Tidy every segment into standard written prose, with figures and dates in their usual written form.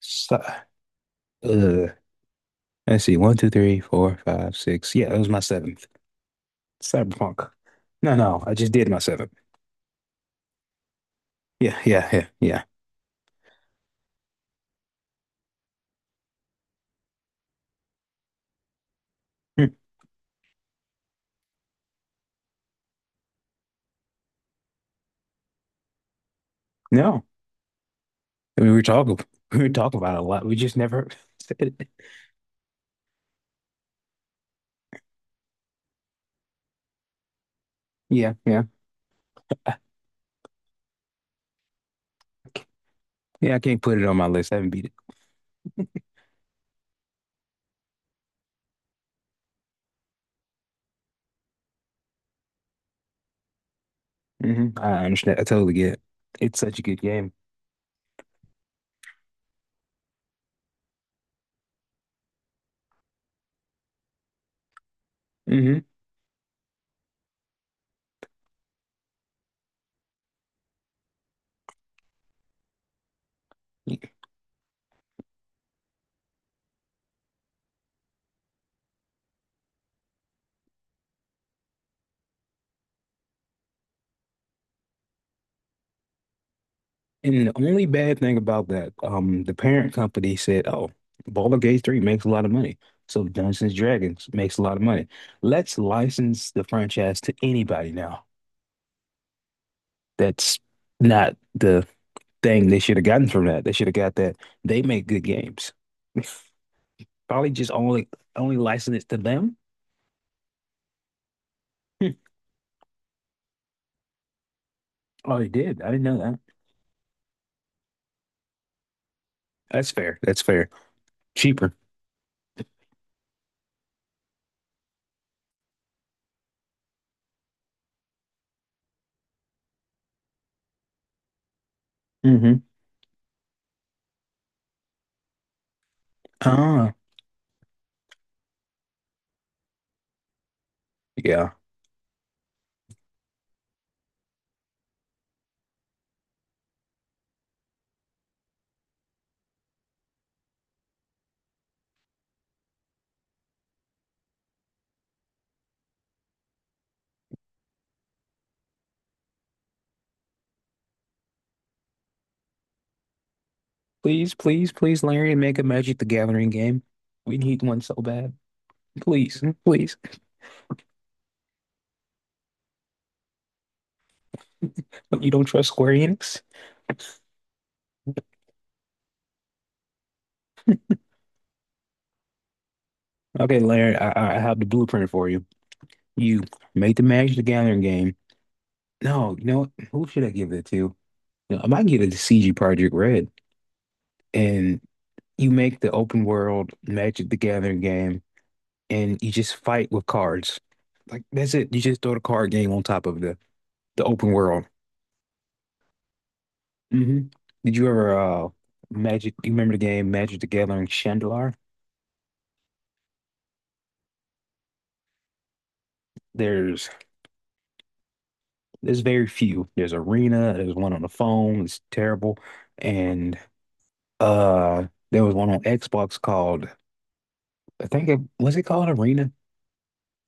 So, uh, let's see, one, two, three, four, five, six. Yeah, it was my seventh. Cyberpunk. No, no, I just did my seventh. Yeah, yeah, yeah, yeah. Hmm. No, I mean, we were talking about it a lot. We just never said it. Yeah, yeah, yeah. I can't put it on my list. I haven't beat it. Hmm. I understand. I totally get it. It's such a good game. Hmm And the only bad thing about that, the parent company said, "Oh, Baldur's Gate 3 makes a lot of money, so Dungeons and Dragons makes a lot of money. Let's license the franchise to anybody now." That's not the thing they should have gotten from that. They should have got that they make good games. Probably just only license it to them. Hmm. Oh, they did. I didn't know that. That's fair. That's fair. Cheaper. Hmm Ah, yeah. Please, please, please, Larry, make a Magic the Gathering game. We need one so bad. Please, please. You don't trust Square Enix? Okay, Larry, I have the blueprint for you. You made the Magic the Gathering game. No, you know what? Who should I give it to? You know, I might give it to CG Project Red. And you make the open world Magic the Gathering game, and you just fight with cards. Like that's it. You just throw the card game on top of the open world. Hmm Did you ever Magic? You remember the game Magic the Gathering Chandelier? There's There's very few. There's Arena, there's one on the phone, it's terrible. And there was one on Xbox called, I think it was, it called Arena?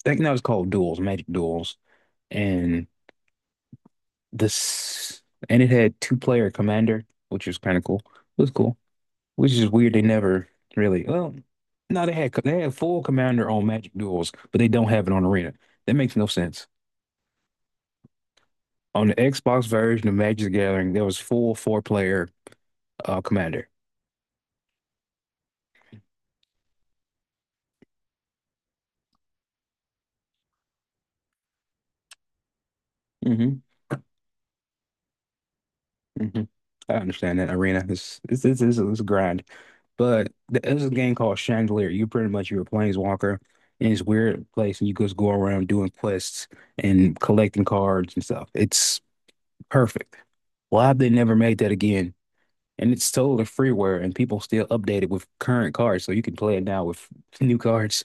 I think that was called Duels, Magic Duels. And this, and it had two player commander, which was kind of cool. It was cool. Which is weird they never really, well no, they had, they had full commander on Magic Duels, but they don't have it on Arena. That makes no sense. On the Xbox version of Magic the Gathering, there was full four player commander. Mhm. hmm I understand that arena is it's a grind, but there's a game called Chandelier. You pretty much you're a planeswalker in this weird place, and you just go around doing quests and collecting cards and stuff. It's perfect. Why have they never made that again? And it's totally freeware, and people still update it with current cards, so you can play it now with new cards.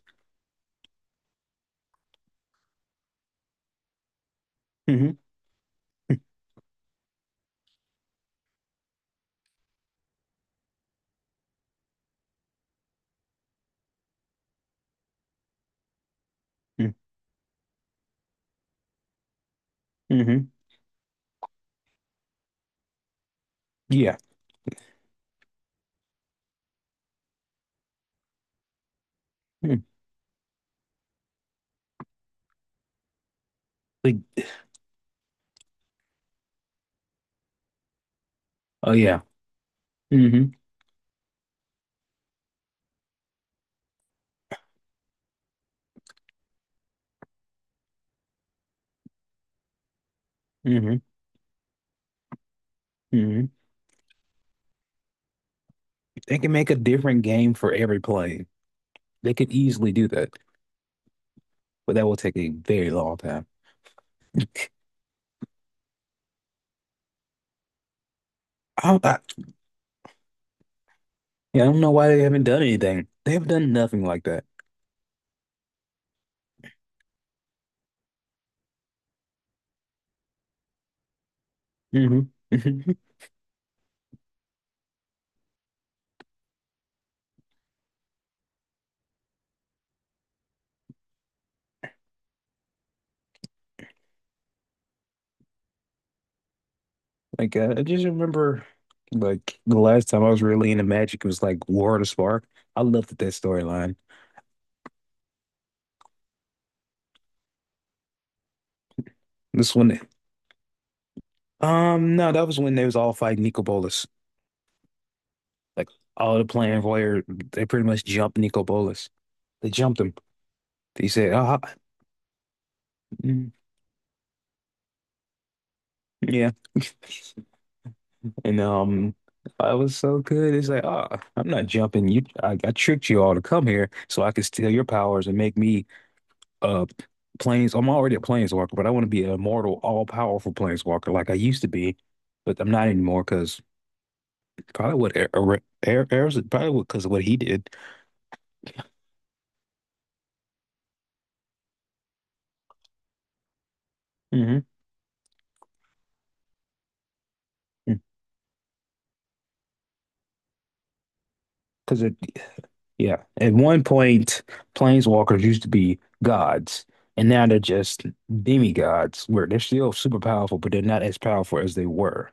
Hmm hmm Yeah. Mm. Like, oh yeah. hmm hmm hmm They can make a different game for every play. They could easily do that, but that will take a very long time. I don't, I, yeah, I don't know why they haven't done anything. They have done nothing like that. Hmm Like I just remember, like the last time I was really into Magic, it was like War of the Spark. I loved that storyline. This one, no, that was when they was all fighting Nico Bolas. Like all the Plan Voyeur, they pretty much jumped Nico Bolas. They jumped him. He said, "Ah, ah, mm, yeah." And I was so good. It's like, ah, I'm not jumping. I tricked you all to come here so I could steal your powers and make me uh planes. I'm already a planeswalker, but I want to be an immortal, all-powerful planeswalker like I used to be, but I'm not anymore because probably what Air's probably because of what he did. Hmm Because it, yeah, at one point, planeswalkers used to be gods, and now they're just demigods, where they're still super powerful, but they're not as powerful as they were.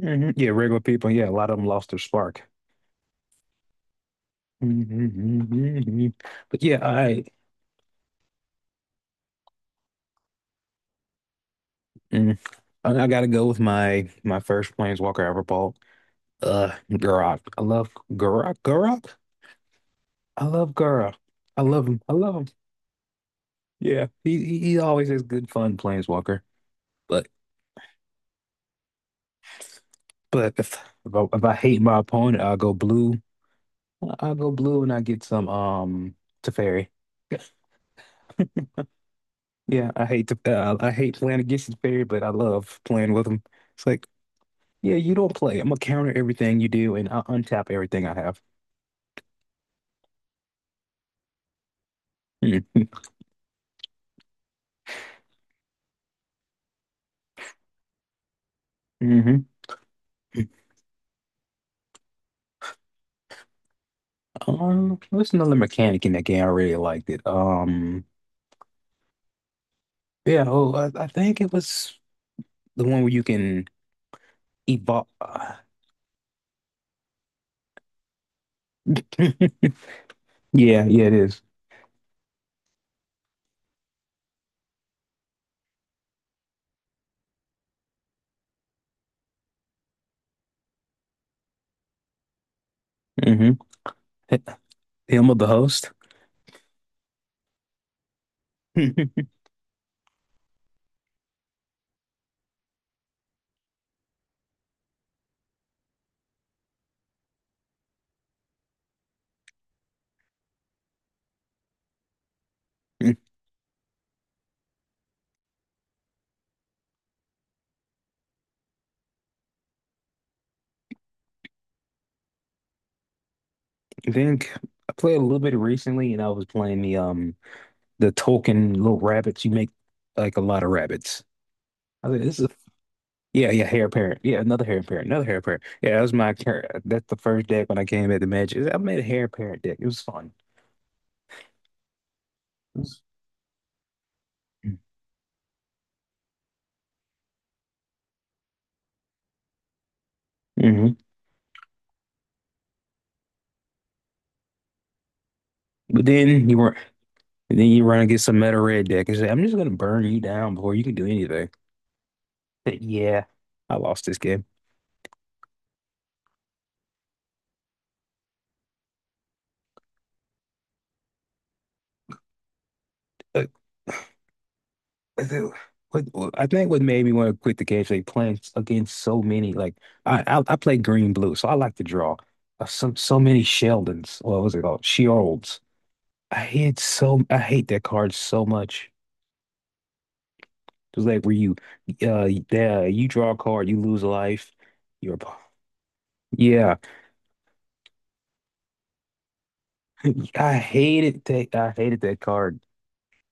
Hmm Yeah, regular people. Yeah, a lot of them lost their spark. Hmm But yeah, I mm, I gotta go with my first Planeswalker I ever bought. Gurok. I love Gurok. Gurok. I love Gurok. I love him. I love him. Yeah, he always has good fun Planeswalker. But but if I hate my opponent, I'll go blue. I'll go blue and I get some Teferi. Yeah, I hate to I hate playing against Teferi, but I love playing with him. It's like, yeah, you don't play. I'm gonna counter everything you do and I'll untap everything I have. Mm-hmm. There's another mechanic in that game. I really liked it. I think it was the one where you can evolve. Yeah, yeah, it is. Mm-hmm. Him of the host. I think I played a little bit recently, and I was playing the token little rabbits. You make like a lot of rabbits. I was like, this is Yeah, yeah, hair parent. Yeah, another hair parent, another hair parent. Yeah, that's the first deck when I came at the Magic. I made a hair parent deck. It was fun. It was- Mhm. But then you were, And then you run against some meta red deck and say, "I'm just gonna burn you down before you can do anything." But yeah, I lost this game. Like, I think- what, I think what made me want to quit the game is like playing against so many. Like, I play green blue, so I like to draw some so many Sheldons. What was it called? Sheolds. I hate that card so much. Just like yeah, you draw a card, you lose a life. You're, a p- yeah. I hated that. I hated that card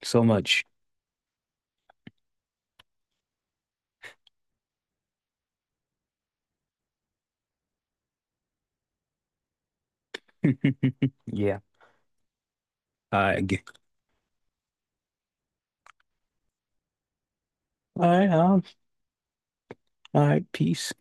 so much. Yeah. I g- All right. All right. Peace.